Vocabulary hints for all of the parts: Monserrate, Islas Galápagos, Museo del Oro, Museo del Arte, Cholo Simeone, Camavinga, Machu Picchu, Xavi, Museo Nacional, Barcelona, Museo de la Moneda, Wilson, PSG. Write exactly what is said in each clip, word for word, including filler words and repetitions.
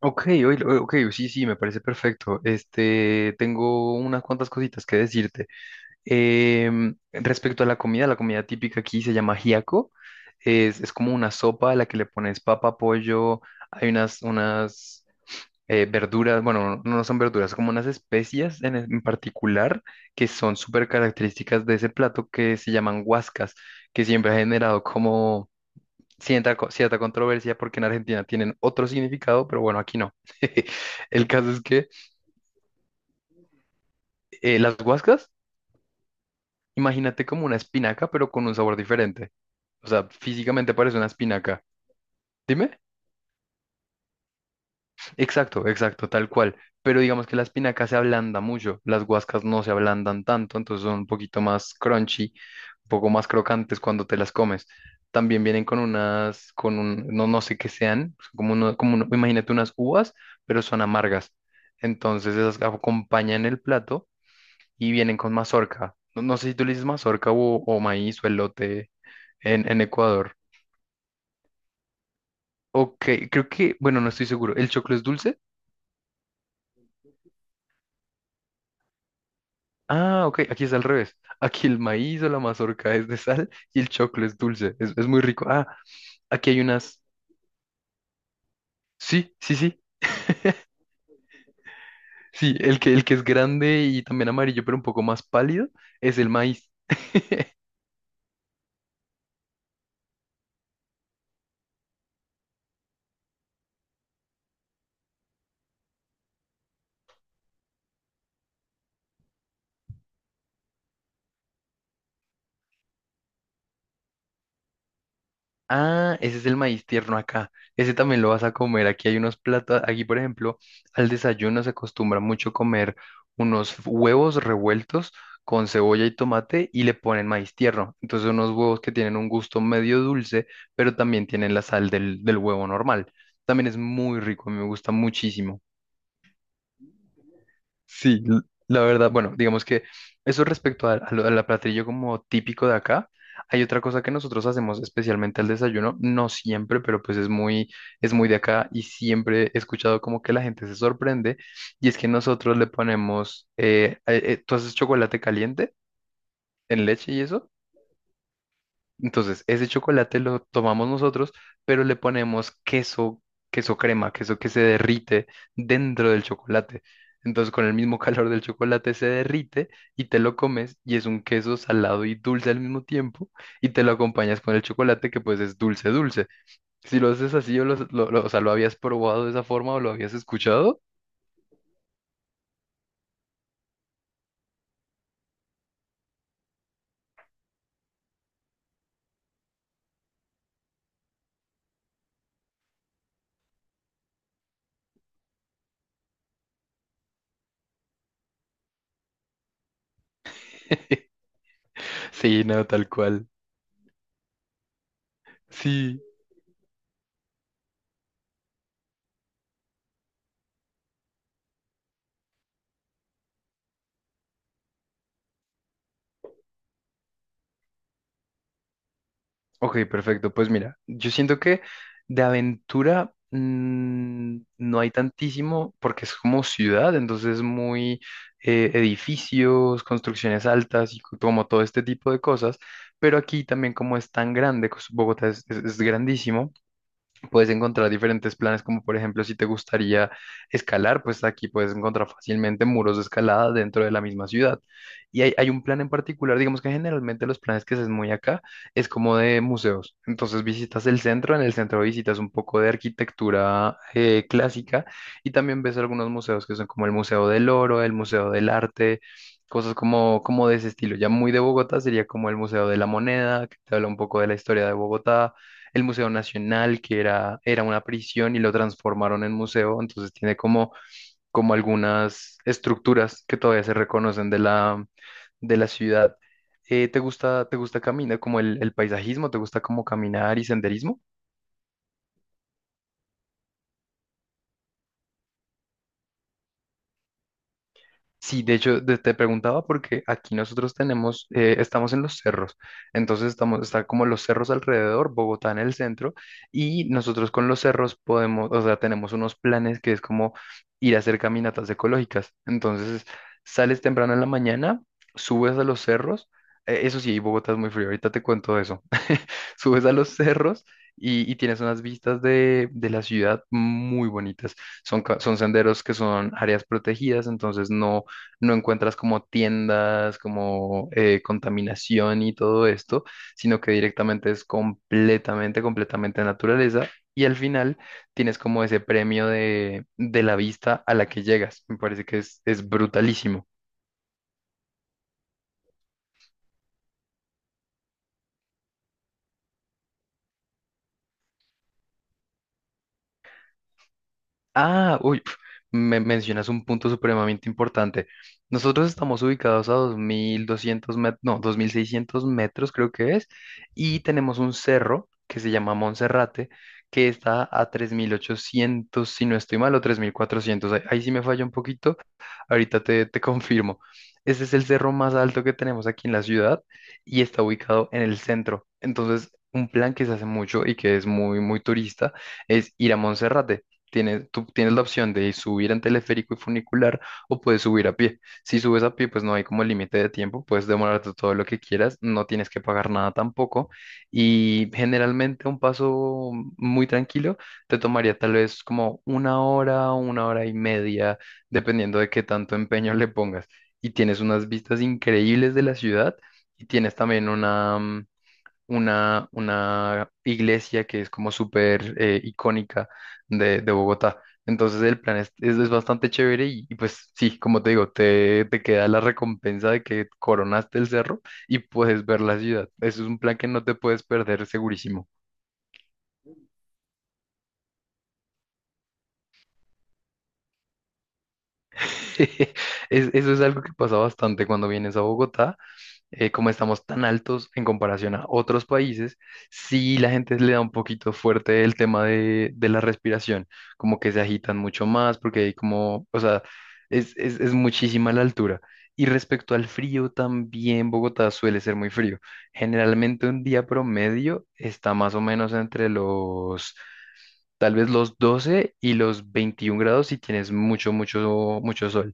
Ok, oílo, ok, sí, sí, me parece perfecto. Este, tengo unas cuantas cositas que decirte. Em, respecto a la comida, la comida típica aquí se llama giaco. Es, es como una sopa a la que le pones papa, pollo. Hay unas, unas eh, verduras, bueno, no no son verduras, como unas especias en, en particular, que son súper características de ese plato, que se llaman guascas, que siempre ha generado como cierta, co- cierta controversia porque en Argentina tienen otro significado, pero bueno, aquí no. El caso es que eh, las guascas, imagínate como una espinaca, pero con un sabor diferente. O sea, físicamente parece una espinaca. Dime. Exacto, exacto, tal cual. Pero digamos que la espinaca se ablanda mucho, las guascas no se ablandan tanto, entonces son un poquito más crunchy, un poco más crocantes cuando te las comes. También vienen con unas, con un, no, no sé qué sean, como uno, como uno- imagínate unas uvas, pero son amargas. Entonces esas acompañan el plato y vienen con mazorca. No, no sé si tú le dices mazorca o, o maíz o elote en, en Ecuador. Ok, creo que, bueno, no estoy seguro. ¿El choclo es dulce? Ah, ok, aquí es al revés. Aquí el maíz o la mazorca es de sal y el choclo es dulce. Es, es muy rico. Ah, aquí hay unas. Sí, sí, sí. Sí, el que, el que es grande y también amarillo, pero un poco más pálido, es el maíz. Ah, ese es el maíz tierno acá. Ese también lo vas a comer. Aquí hay unos platos. Aquí, por ejemplo, al desayuno se acostumbra mucho comer unos huevos revueltos con cebolla y tomate y le ponen maíz tierno. Entonces unos huevos que tienen un gusto medio dulce, pero también tienen la sal del, del huevo normal. También es muy rico, a mí me gusta muchísimo. Sí, l- la verdad, bueno, digamos que eso, respecto a- a lo- al platillo como típico de acá, hay otra cosa que nosotros hacemos especialmente al desayuno, no siempre, pero pues es muy, es muy de acá y siempre he escuchado como que la gente se sorprende. Y es que nosotros le ponemos, eh, eh, eh, ¿tú haces chocolate caliente en leche y eso? Entonces, ese chocolate lo tomamos nosotros, pero le ponemos queso, queso crema, queso que se derrite dentro del chocolate. Entonces, con el mismo calor del chocolate se derrite y te lo comes, y es un queso salado y dulce al mismo tiempo, y te lo acompañas con el chocolate, que pues es dulce, dulce. Si lo haces así, o, lo, lo- lo- o sea, lo habías probado de esa forma o lo habías escuchado. Sí, no, tal cual. Sí. Ok, perfecto. Pues mira, yo siento que de aventura mm, no hay tantísimo porque es como ciudad, entonces muy eh, edificios, construcciones altas y co- como todo este tipo de cosas. Pero aquí también, como es tan grande, cos- Bogotá es, es- es grandísimo. Puedes encontrar diferentes planes, como por ejemplo, si te gustaría escalar, pues aquí puedes encontrar fácilmente muros de escalada dentro de la misma ciudad. Y hay, hay un plan en particular. Digamos que generalmente los planes que se hacen muy acá es como de museos. Entonces visitas el centro, en el centro visitas un poco de arquitectura eh, clásica y también ves algunos museos que son como el Museo del Oro, el Museo del Arte. Cosas como, como de ese estilo. Ya muy de Bogotá sería como el Museo de la Moneda, que te habla un poco de la historia de Bogotá, el Museo Nacional, que era, era una prisión y lo transformaron en museo, entonces tiene como, como algunas estructuras que todavía se reconocen de la, de la ciudad. Eh, ¿te gusta, te gusta caminar, como el, el paisajismo? ¿Te gusta como caminar y senderismo? Sí, de hecho, de- te preguntaba porque aquí nosotros tenemos, eh, estamos en los cerros. Entonces estamos, está como los cerros alrededor, Bogotá en el centro, y nosotros con los cerros podemos, o sea, tenemos unos planes que es como ir a hacer caminatas ecológicas. Entonces, sales temprano en la mañana, subes a los cerros. Eh, eso sí, Bogotá es muy frío, ahorita te cuento eso. Subes a los cerros y, y tienes unas vistas de, de la ciudad muy bonitas. Son, ca- son senderos que son áreas protegidas, entonces no, no encuentras como tiendas, como eh, contaminación y todo esto, sino que directamente es completamente, completamente naturaleza. Y al final tienes como ese premio de, de la vista a la que llegas. Me parece que es, es brutalísimo. Ah, uy, pf, me mencionas un punto supremamente importante. Nosotros estamos ubicados a dos mil doscientos metros, no, dos mil seiscientos metros creo que es, y tenemos un cerro que se llama Monserrate, que está a tres mil ochocientos si no estoy mal, o tres mil cuatrocientos. Ahí, ahí sí me falla un poquito, ahorita te, te confirmo. Este es el cerro más alto que tenemos aquí en la ciudad y está ubicado en el centro. Entonces, un plan que se hace mucho y que es muy, muy turista es ir a Monserrate. Tienes, tú tienes la opción de subir en teleférico y funicular o puedes subir a pie. Si subes a pie, pues no hay como límite de tiempo, puedes demorarte todo lo que quieras, no tienes que pagar nada tampoco, y generalmente un paso muy tranquilo te tomaría tal vez como una hora o una hora y media, dependiendo de qué tanto empeño le pongas. Y tienes unas vistas increíbles de la ciudad y tienes también una, mm, una, una iglesia que es como súper eh, icónica de, de Bogotá. Entonces el plan es, es, es bastante chévere y, y pues sí, como te digo, te, te queda la recompensa de que coronaste el cerro y puedes ver la ciudad. Eso es un plan que no te puedes perder, segurísimo. Es- eso es algo que pasa bastante cuando vienes a Bogotá. Eh, como estamos tan altos en comparación a otros países, sí, la gente le da un poquito fuerte el tema de, de la respiración, como que se agitan mucho más porque hay como, o sea, es, es, es muchísima la altura. Y respecto al frío, también Bogotá suele ser muy frío. Generalmente un día promedio está más o menos entre los, tal vez los doce y los veintiún grados si tienes mucho, mucho, mucho sol,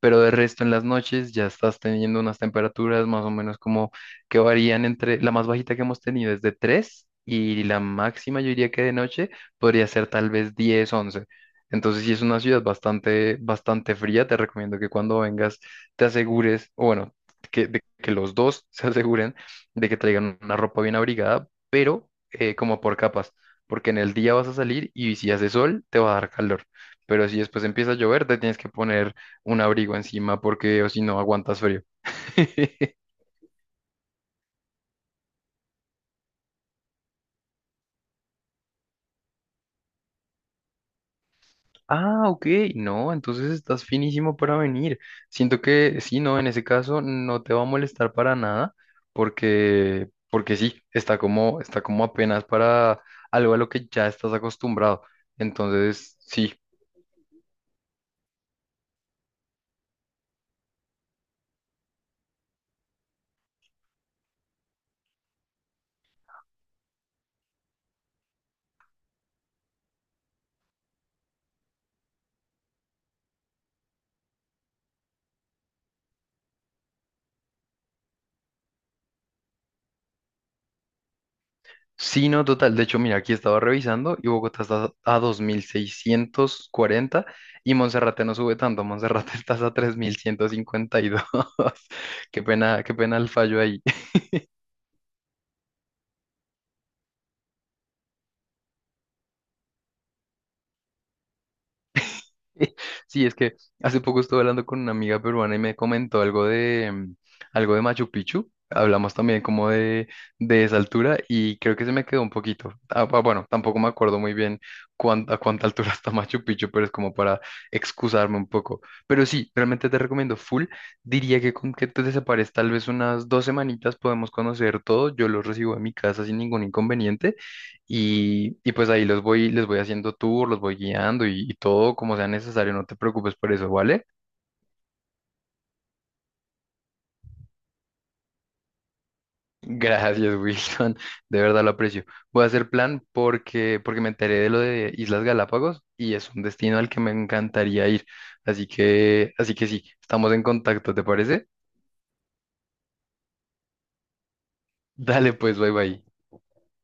pero de resto en las noches ya estás teniendo unas temperaturas más o menos como que varían entre, la más bajita que hemos tenido es de tres y la máxima yo diría que de noche podría ser tal vez diez, once. Entonces, si es una ciudad bastante, bastante fría. Te recomiendo que cuando vengas te asegures, o bueno, que, de que los dos se aseguren de que traigan una ropa bien abrigada, pero eh, como por capas, porque en el día vas a salir y si hace sol te va a dar calor, pero si después empieza a llover te tienes que poner un abrigo encima porque o si no aguantas frío. Ah, ok, no, entonces estás finísimo para venir. Siento que sí, no, en ese caso no te va a molestar para nada porque, porque sí, está como, está como apenas para algo a lo que ya estás acostumbrado. Entonces, sí. Sí, no, total. De hecho, mira, aquí estaba revisando y Bogotá está a dos mil seiscientos cuarenta y Monserrate no sube tanto. Monserrate está a tres mil ciento cincuenta y dos. Qué pena, qué pena el fallo ahí. Sí, es que hace poco estuve hablando con una amiga peruana y me comentó algo de mm, algo de Machu Picchu. Hablamos también como de, de esa altura y creo que se me quedó un poquito. Ah, bu- bueno, tampoco me acuerdo muy bien cuán- a cuánta altura está Machu Picchu, pero es como para excusarme un poco. Pero sí, realmente te recomiendo full. Diría que con que te separes tal vez unas dos semanitas podemos conocer todo. Yo los recibo en mi casa sin ningún inconveniente. Y, y pues ahí los voy, les voy haciendo tour, los voy guiando y, y todo como sea necesario, no te preocupes por eso, ¿vale? Gracias, Wilson, de verdad lo aprecio. Voy a hacer plan porque, porque me enteré de lo de Islas Galápagos y es un destino al que me encantaría ir. Así que, así que sí, estamos en contacto, ¿te parece? Dale pues, bye bye.